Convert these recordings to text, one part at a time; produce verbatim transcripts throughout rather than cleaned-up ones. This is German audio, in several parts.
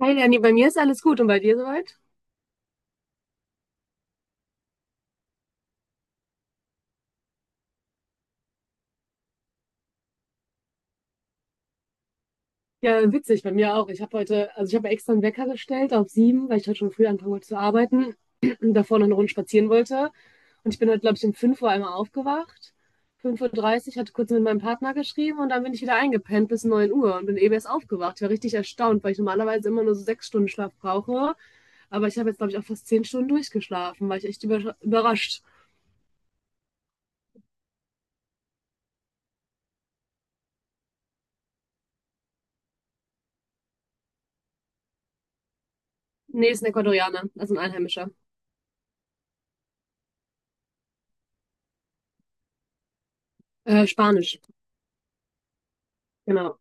Hi Lenny, bei mir ist alles gut und bei dir soweit? Ja, witzig, bei mir auch. Ich habe heute, also ich habe extra einen Wecker gestellt auf sieben, weil ich heute schon früh anfangen wollte zu arbeiten und davor noch eine Runde spazieren wollte. Und ich bin heute, glaube ich, um fünf Uhr einmal aufgewacht. Fünf Uhr dreißig, hatte kurz mit meinem Partner geschrieben und dann bin ich wieder eingepennt bis neun Uhr und bin eben erst aufgewacht. Ich war richtig erstaunt, weil ich normalerweise immer nur so sechs Stunden Schlaf brauche. Aber ich habe jetzt, glaube ich, auch fast zehn Stunden durchgeschlafen. War ich echt über überrascht. Nee, ist ein Ecuadorianer, also ein Einheimischer. Äh, Spanisch, genau.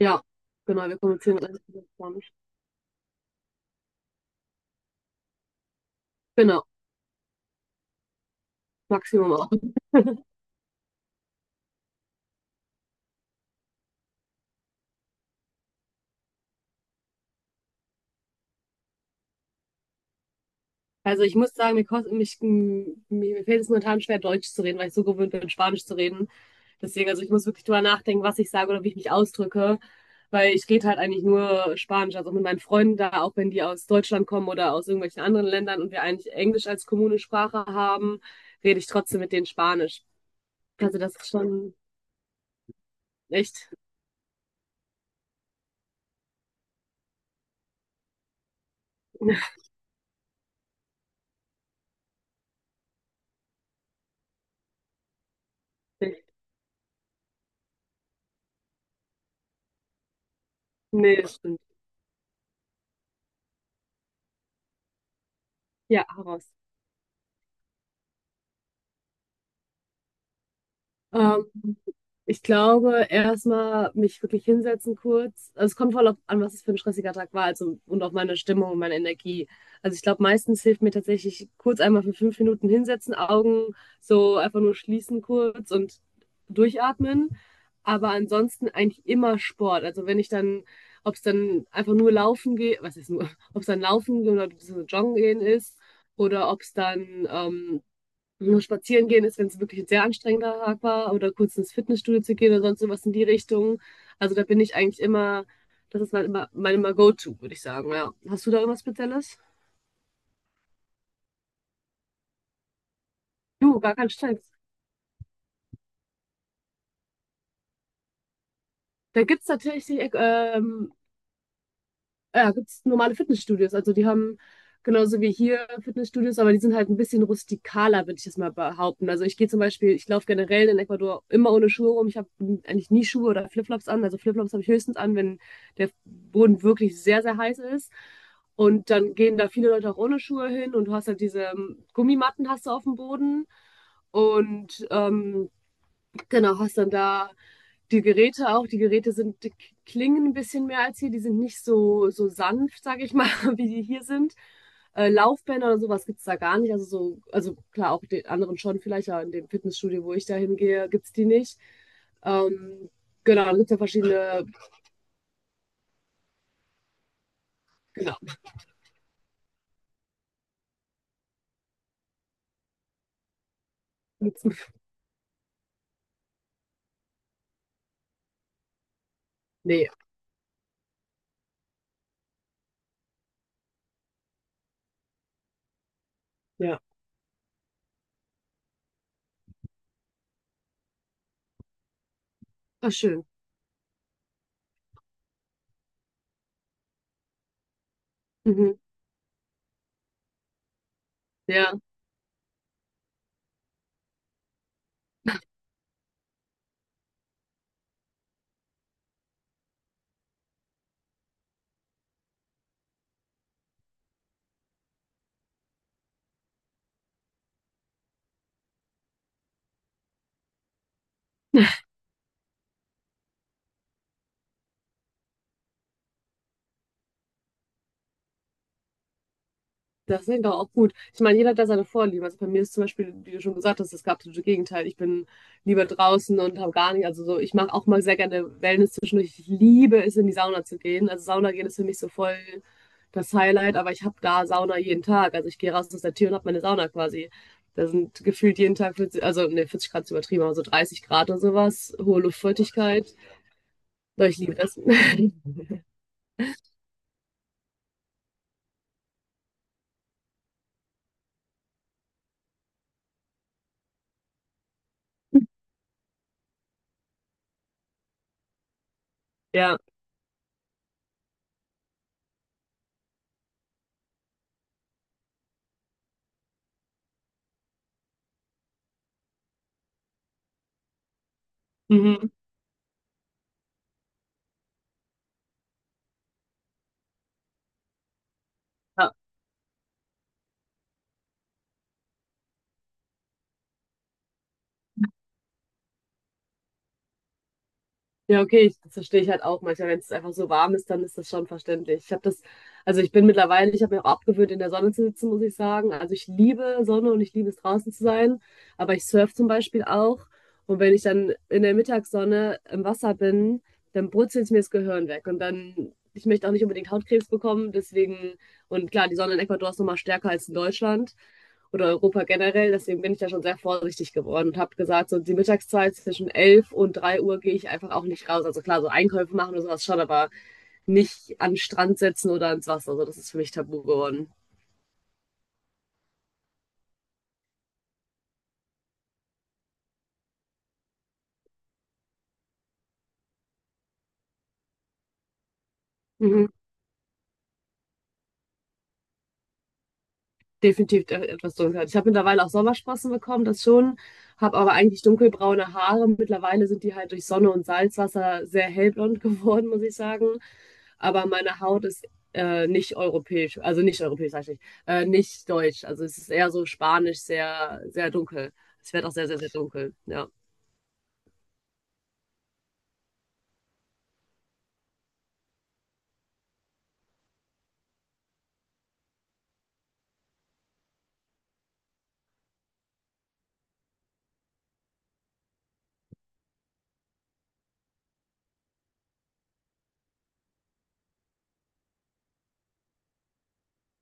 Ja, genau, wir kommunizieren alles über Spanisch. Genau, Maximum auch. Also ich muss sagen, mir, kost, mich, m- mir, mir fällt es momentan schwer, Deutsch zu reden, weil ich so gewöhnt bin, Spanisch zu reden. Deswegen, also ich muss wirklich drüber nachdenken, was ich sage oder wie ich mich ausdrücke, weil ich rede halt eigentlich nur Spanisch. Also auch mit meinen Freunden da, auch wenn die aus Deutschland kommen oder aus irgendwelchen anderen Ländern und wir eigentlich Englisch als kommune Sprache haben, rede ich trotzdem mit denen Spanisch. Also das ist schon echt. Nee, das stimmt. Ja, heraus. Ähm, Ich glaube, erstmal mich wirklich hinsetzen kurz. Also es kommt voll auf an, was es für ein stressiger Tag war, also und auf meine Stimmung und meine Energie. Also ich glaube, meistens hilft mir tatsächlich kurz einmal für fünf Minuten hinsetzen, Augen so einfach nur schließen kurz und durchatmen. Aber ansonsten eigentlich immer Sport. Also wenn ich dann, ob es dann einfach nur laufen geht, was ist nur, ob es dann laufen oder so joggen gehen ist oder ob es dann ähm, nur spazieren gehen ist, wenn es wirklich ein sehr anstrengender Tag war, oder kurz ins Fitnessstudio zu gehen oder sonst sowas in die Richtung. Also da bin ich eigentlich immer, das ist mein, immer, mein immer Go-To, würde ich sagen. Ja. Hast du da irgendwas Spezielles? Du, gar kein Stress. Da gibt es tatsächlich ähm, ja, gibt es normale Fitnessstudios. Also die haben genauso wie hier Fitnessstudios, aber die sind halt ein bisschen rustikaler, würde ich das mal behaupten. Also ich gehe zum Beispiel, ich laufe generell in Ecuador immer ohne Schuhe rum. Ich habe eigentlich nie Schuhe oder Flipflops an. Also Flipflops habe ich höchstens an, wenn der Boden wirklich sehr, sehr heiß ist. Und dann gehen da viele Leute auch ohne Schuhe hin und du hast halt diese ähm, Gummimatten hast du auf dem Boden. Und ähm, Genau, hast dann da die Geräte auch. Die Geräte sind, die klingen ein bisschen mehr als hier. Die sind nicht so, so sanft, sage ich mal, wie die hier sind. Äh, Laufbänder oder sowas gibt es da gar nicht. Also so, also klar, auch den anderen schon vielleicht, aber in dem Fitnessstudio, wo ich da hingehe, gibt es die nicht. Ähm, genau, dann gibt es ja verschiedene. Genau. gibt's- Nee, ja. Ach, schön. Mhm. Ja. Das ist doch auch gut. Ich meine, jeder hat da seine Vorlieben. Also bei mir ist zum Beispiel, wie du schon gesagt hast, das absolute Gegenteil. Ich bin lieber draußen und habe gar nicht. Also so, ich mache auch mal sehr gerne Wellness zwischendurch. Ich liebe es, in die Sauna zu gehen. Also Sauna gehen ist für mich so voll das Highlight, aber ich habe da Sauna jeden Tag. Also ich gehe raus aus der Tür und habe meine Sauna quasi. Da sind gefühlt jeden Tag vierzig, also ne, vierzig Grad ist übertrieben, aber so dreißig Grad oder sowas, hohe Luftfeuchtigkeit. Doch ich liebe das. Ja. Mhm. Ja, Ja, okay, ich, das verstehe ich halt auch manchmal. Wenn es einfach so warm ist, dann ist das schon verständlich. Ich habe das, also ich bin mittlerweile, ich habe mir auch abgewöhnt, in der Sonne zu sitzen, muss ich sagen. Also ich liebe Sonne und ich liebe es draußen zu sein, aber ich surf zum Beispiel auch. Und wenn ich dann in der Mittagssonne im Wasser bin, dann brutzelt mir das Gehirn weg. Und dann, ich möchte auch nicht unbedingt Hautkrebs bekommen, deswegen, und klar, die Sonne in Ecuador ist nochmal stärker als in Deutschland oder Europa generell. Deswegen bin ich da schon sehr vorsichtig geworden und habe gesagt, so die Mittagszeit zwischen elf und drei Uhr gehe ich einfach auch nicht raus. Also klar, so Einkäufe machen oder sowas schon, aber nicht an den Strand setzen oder ins Wasser. Also das ist für mich tabu geworden. Mhm. Definitiv e- etwas dunkler. Ich habe mittlerweile auch Sommersprossen bekommen, das schon, habe aber eigentlich dunkelbraune Haare. Mittlerweile sind die halt durch Sonne und Salzwasser sehr hellblond geworden, muss ich sagen. Aber meine Haut ist äh, nicht europäisch, also nicht europäisch, sag ich nicht, äh, nicht deutsch. Also es ist eher so spanisch, sehr, sehr dunkel. Es wird auch sehr, sehr, sehr dunkel, ja.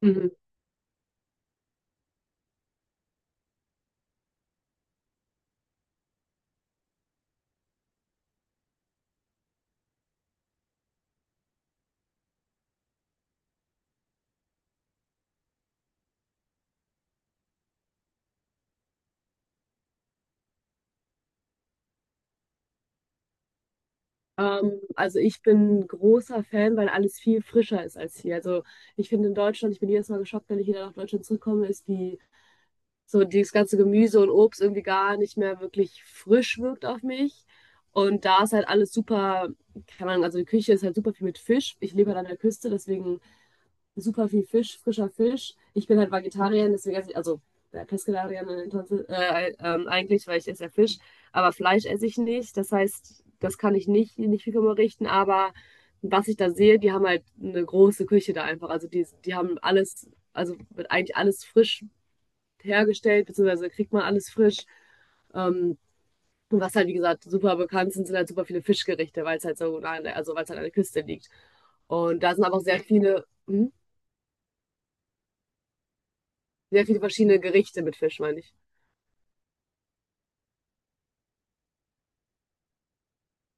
Mhm. Ähm, also ich bin großer Fan, weil alles viel frischer ist als hier. Also ich finde in Deutschland, ich bin jedes Mal geschockt, wenn ich wieder nach Deutschland zurückkomme, ist die so dieses ganze Gemüse und Obst irgendwie gar nicht mehr wirklich frisch wirkt auf mich. Und da ist halt alles super, kann man, also die Küche ist halt super viel mit Fisch. Ich lebe halt an der Küste, deswegen super viel Fisch, frischer Fisch. Ich bin halt Vegetarier, deswegen esse ich, also ja, Pescetarier äh, äh, ähm, eigentlich, weil ich esse ja Fisch, aber Fleisch esse ich nicht. Das heißt, das kann ich nicht, nicht viel darüber richten, aber was ich da sehe, die haben halt eine große Küche da einfach. Also die, die haben alles, also wird eigentlich alles frisch hergestellt, beziehungsweise kriegt man alles frisch. Ähm, und was halt, wie gesagt, super bekannt sind, sind halt super viele Fischgerichte, weil es halt so, nah an der- also weil es halt an der Küste liegt. Und da sind aber auch sehr viele. Hm? Sehr viele verschiedene Gerichte mit Fisch, meine ich.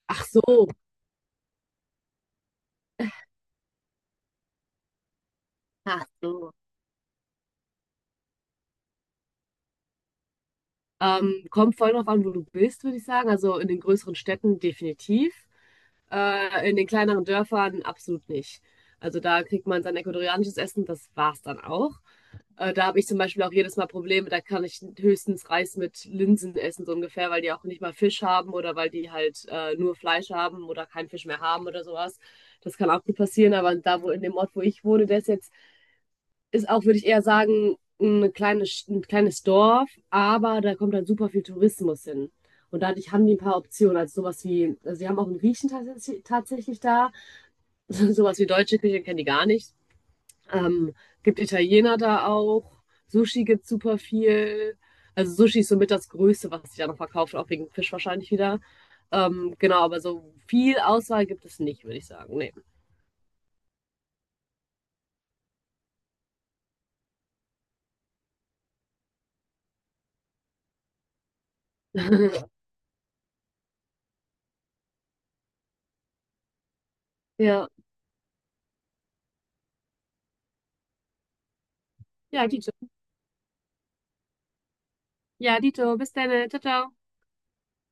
Ach so. Ach so. Ähm, kommt voll drauf an, wo du bist, würde ich sagen. Also in den größeren Städten definitiv. Äh, in den kleineren Dörfern absolut nicht. Also da kriegt man sein ecuadorianisches Essen, das war's dann auch. Äh, da habe ich zum Beispiel auch jedes Mal Probleme, da kann ich höchstens Reis mit Linsen essen, so ungefähr, weil die auch nicht mal Fisch haben oder weil die halt äh, nur Fleisch haben oder keinen Fisch mehr haben oder sowas. Das kann auch gut passieren, aber da, wo in dem Ort, wo ich wohne, der ist jetzt ist auch, würde ich eher sagen, eine kleine, Sch- ein kleines Dorf, aber da kommt halt super viel Tourismus hin. Und dadurch haben die ein paar Optionen. Also sowas wie, also die haben auch einen Griechen tatsächlich, tatsächlich da. Sowas wie deutsche Küche kennen die gar nicht. Ähm, gibt Italiener da auch. Sushi gibt super viel. Also Sushi ist somit das Größte, was sich da noch verkauft, auch wegen Fisch wahrscheinlich wieder. Ähm, genau, aber so viel Auswahl gibt es nicht, würde ich sagen. Nee. Ja. Ja, Dito, bis dann. Ciao, ciao.